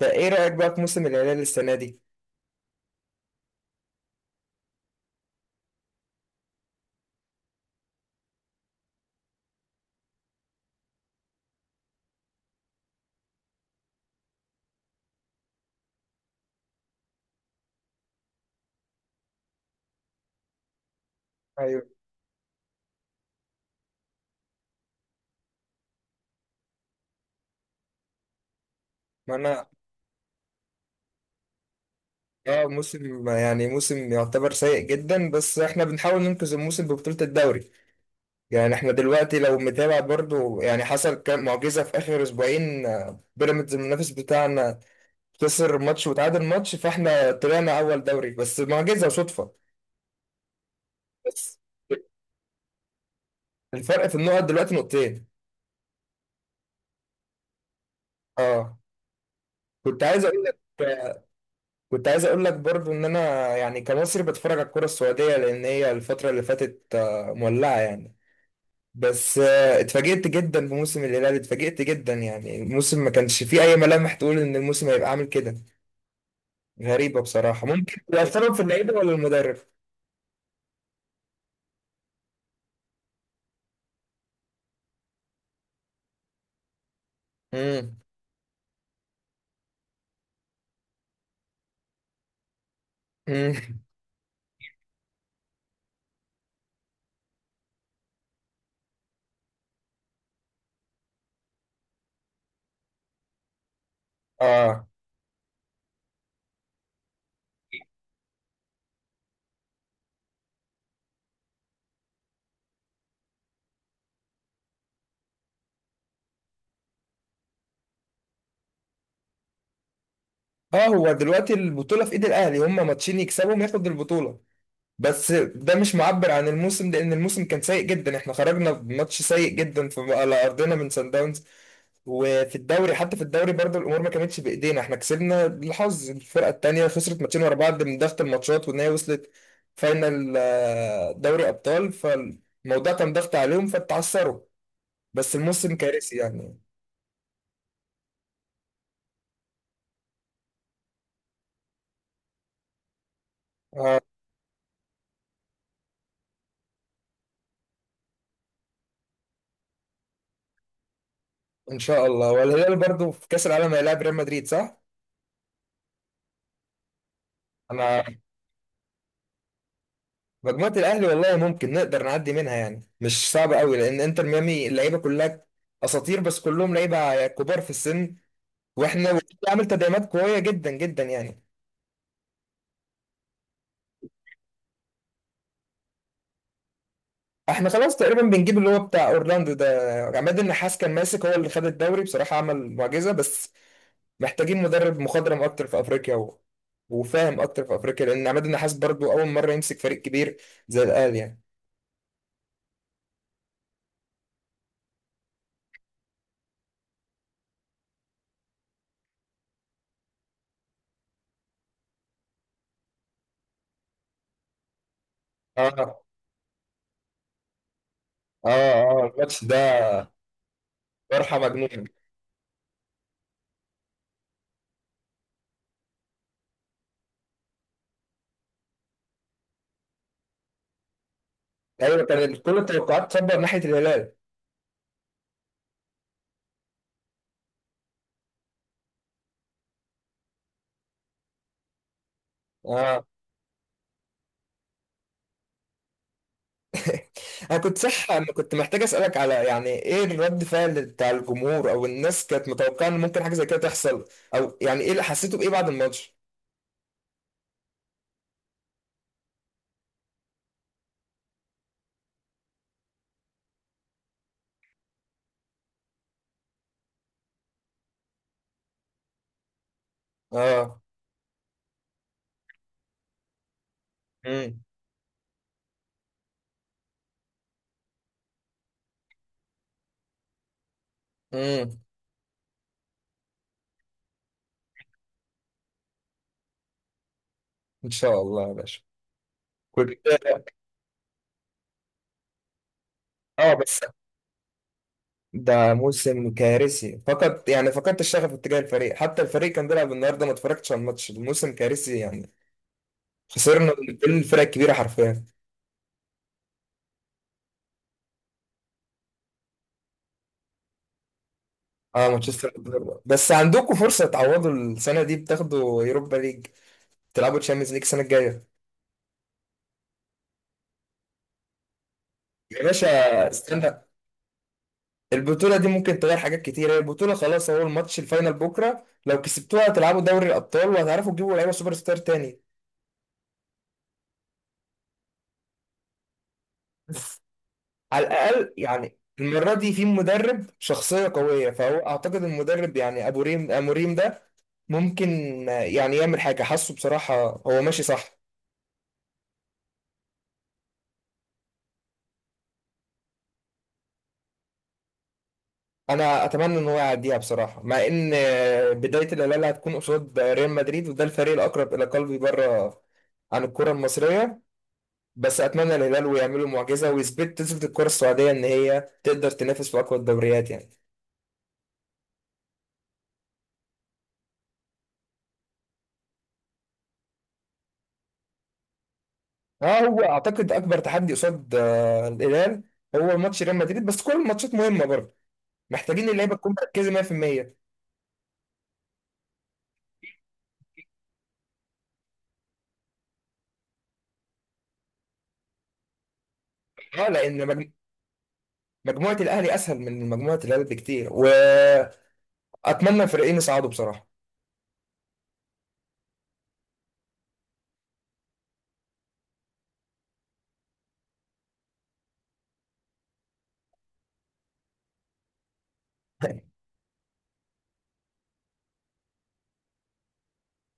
فايه رأيك بقى في موسم الهلال السنة دي؟ ايوه، ما انا، اه، موسم موسم يعتبر سيء جدا، بس احنا بنحاول ننقذ الموسم ببطولة الدوري. يعني احنا دلوقتي لو متابع برضو يعني حصل كام معجزة في اخر اسبوعين. بيراميدز المنافس بتاعنا خسر ماتش وتعادل ماتش، فاحنا طلعنا اول دوري بس معجزة وصدفة. بس الفرق في النقط دلوقتي نقطتين. اه، كنت عايز اقول لك، كنت عايز اقول لك برضو ان انا، يعني كمصري بتفرج على الكرة السعودية، لان هي الفترة اللي فاتت مولعة يعني. بس اتفاجئت جدا بموسم الهلال، اتفاجئت جدا. يعني الموسم ما كانش فيه اي ملامح تقول ان الموسم هيبقى عامل كده، غريبة بصراحة. ممكن يبقى السبب في اللعيبة ولا المدرب. امم امم اه، اه، هو دلوقتي البطولة في ايد الاهلي، هم ماتشين يكسبهم ياخد البطولة. بس ده مش معبر عن الموسم، لان الموسم كان سيء جدا. احنا خرجنا بماتش سيء جدا في على ارضنا من سان داونز، وفي الدوري، حتى في الدوري برضه الامور ما كانتش بايدينا. احنا كسبنا بالحظ، الفرقه التانيه خسرت ماتشين ورا بعض من ضغط الماتشات وان هي وصلت فاينل دوري ابطال، فالموضوع كان ضغط عليهم فتعثروا. بس الموسم كارثي يعني. ان شاء الله، والهلال برضه في كاس العالم هيلاعب ريال مدريد صح؟ انا، مجموعه الاهلي والله ممكن نقدر نعدي منها، يعني مش صعبه قوي، لان انتر ميامي اللعيبه كلها اساطير بس كلهم لعيبه كبار في السن. واحنا والنادي عامل تدعيمات قويه جدا جدا يعني. احنا خلاص تقريبا بنجيب اللي هو بتاع اورلاندو ده. عماد النحاس كان ماسك، هو اللي خد الدوري بصراحة، عمل معجزة، بس محتاجين مدرب مخضرم اكتر في افريقيا و... وفاهم اكتر في افريقيا، لان عماد النحاس برضو اول مرة يمسك فريق كبير زي الاهلي يعني. اه، اه، اه الماتش ده، فرحة مجنونة. ايوه، كان كل التوقعات تصب ناحية الهلال. اه انا كنت صح، انا كنت محتاج اسالك على يعني ايه الرد فعل بتاع الجمهور، او الناس كانت متوقعه ان ممكن حاجه زي كده تحصل، او يعني ايه اللي حسيته بايه بعد الماتش. اه، امم امم ان شاء الله يا باشا. كنت، اه، بس ده موسم كارثي فقط يعني. فقدت الشغف اتجاه الفريق، حتى الفريق كان بيلعب النهارده ما اتفرجتش على الماتش، الموسم كارثي يعني. خسرنا من كل الفرق الكبيره حرفيا. اه مانشستر يونايتد. بس عندكم فرصه تعوضوا السنه دي، بتاخدوا يوروبا ليج، تلعبوا تشامبيونز ليج السنه الجايه. يا باشا استنى، البطوله دي ممكن تغير حاجات كتير. هي البطوله خلاص، هو الماتش الفاينل بكره، لو كسبتوها هتلعبوا دوري الابطال، وهتعرفوا تجيبوا لعيبه سوبر ستار تاني. على الأقل يعني المرة دي في مدرب شخصية قوية، فهو أعتقد المدرب يعني أبو ريم أموريم ده ممكن يعني يعمل حاجة، حاسه بصراحة هو ماشي صح. أنا أتمنى إن هو يعديها بصراحة، مع إن بداية الهلال هتكون قصاد ريال مدريد، وده الفريق الأقرب إلى قلبي بره عن الكرة المصرية. بس أتمنى الهلال ويعملوا معجزة، ويثبت، تثبت الكرة السعودية إن هي تقدر تنافس في أقوى الدوريات يعني. اه، هو اعتقد اكبر تحدي قصاد الهلال هو ماتش ريال مدريد، بس كل الماتشات مهمه برضه. محتاجين اللعيبه تكون مركزه 100%. اه، لان مجموعه الاهلي اسهل من مجموعه الهلال بكتير، واتمنى الفريقين يصعدوا بصراحه.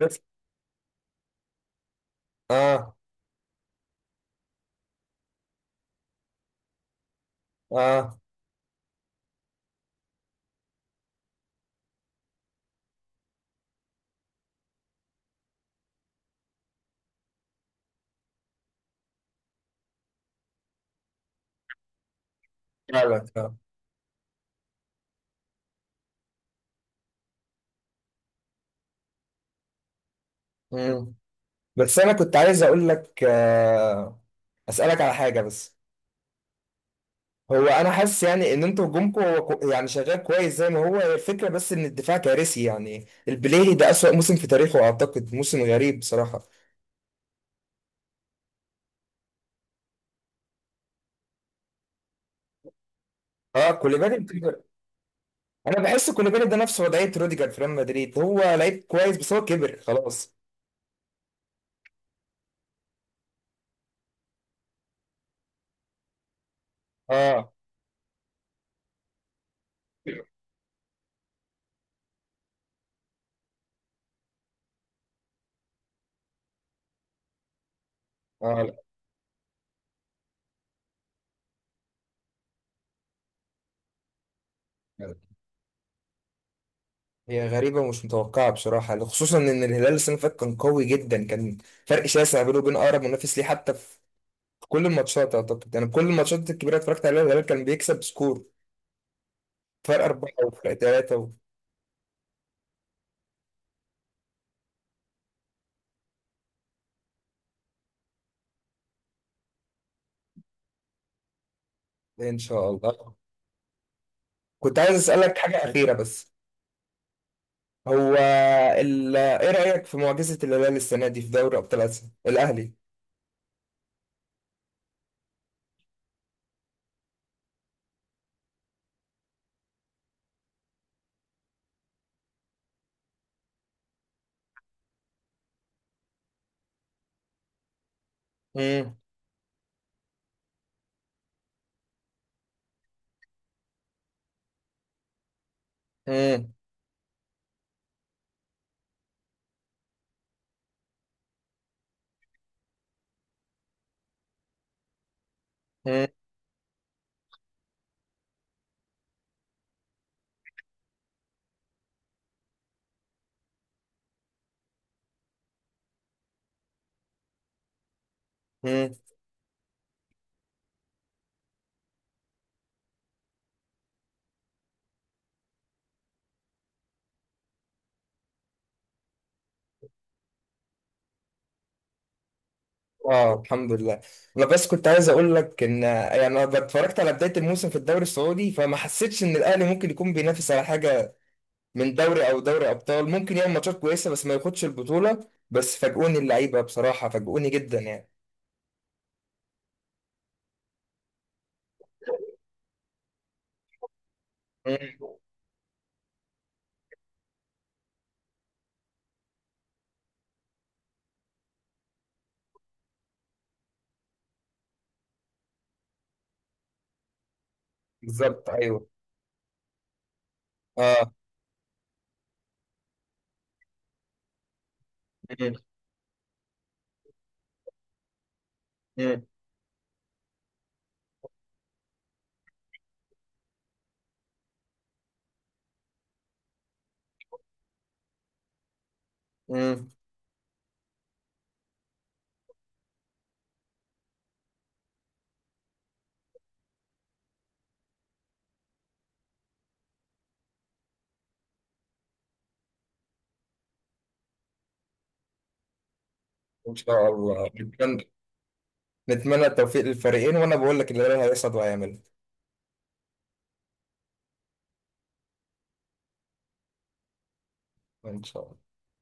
بس اه، اه، فعلا فعلا. مم. بس انا كنت عايز اقول لك، آه، اسالك على حاجه بس. هو انا حاسس يعني ان انتوا هجومكم هو يعني شغال كويس زي ما هو، هي الفكره، بس ان الدفاع كارثي يعني. البليهي ده اسوأ موسم في تاريخه اعتقد، موسم غريب بصراحه. اه كوليبالي بتكبر. انا بحس كوليبالي ده نفس وضعيه روديجر في ريال مدريد، هو لعيب كويس بس هو كبر خلاص. اه، اه، لا. هي غريبه ومش متوقعه بصراحه، خصوصا ان الهلال السنه اللي فاتت كان قوي جدا، كان فرق شاسع بينه وبين اقرب منافس ليه. حتى في كل الماتشات اعتقد، يعني كل الماتشات الكبيره اتفرجت عليها الهلال كان بيكسب سكور، فرق 4 وفرق 3 و... إن شاء الله. كنت عايز أسألك حاجة أخيرة بس. هو ال... إيه رأيك في معجزة الهلال السنة دي في دوري أبطال آسيا الأهلي. مم. مم. مم. مم. اه الحمد لله. انا بس كنت عايز اقول لك ان يعني انا اتفرجت على بدايه الموسم في الدوري السعودي، فما حسيتش ان الاهلي ممكن يكون بينافس على حاجه، من دوري او دوري ابطال، ممكن يعمل ماتشات كويسه بس ما ياخدش البطوله. بس فاجئوني اللعيبه بصراحه، فاجئوني جدا يعني. مم. بالظبط ايوه. اه. مم. مم. ان شاء الله نتمنى، نتمنى التوفيق للفريقين، وانا بقول لك اللي هيحصل وهيعمله. ان شاء الله.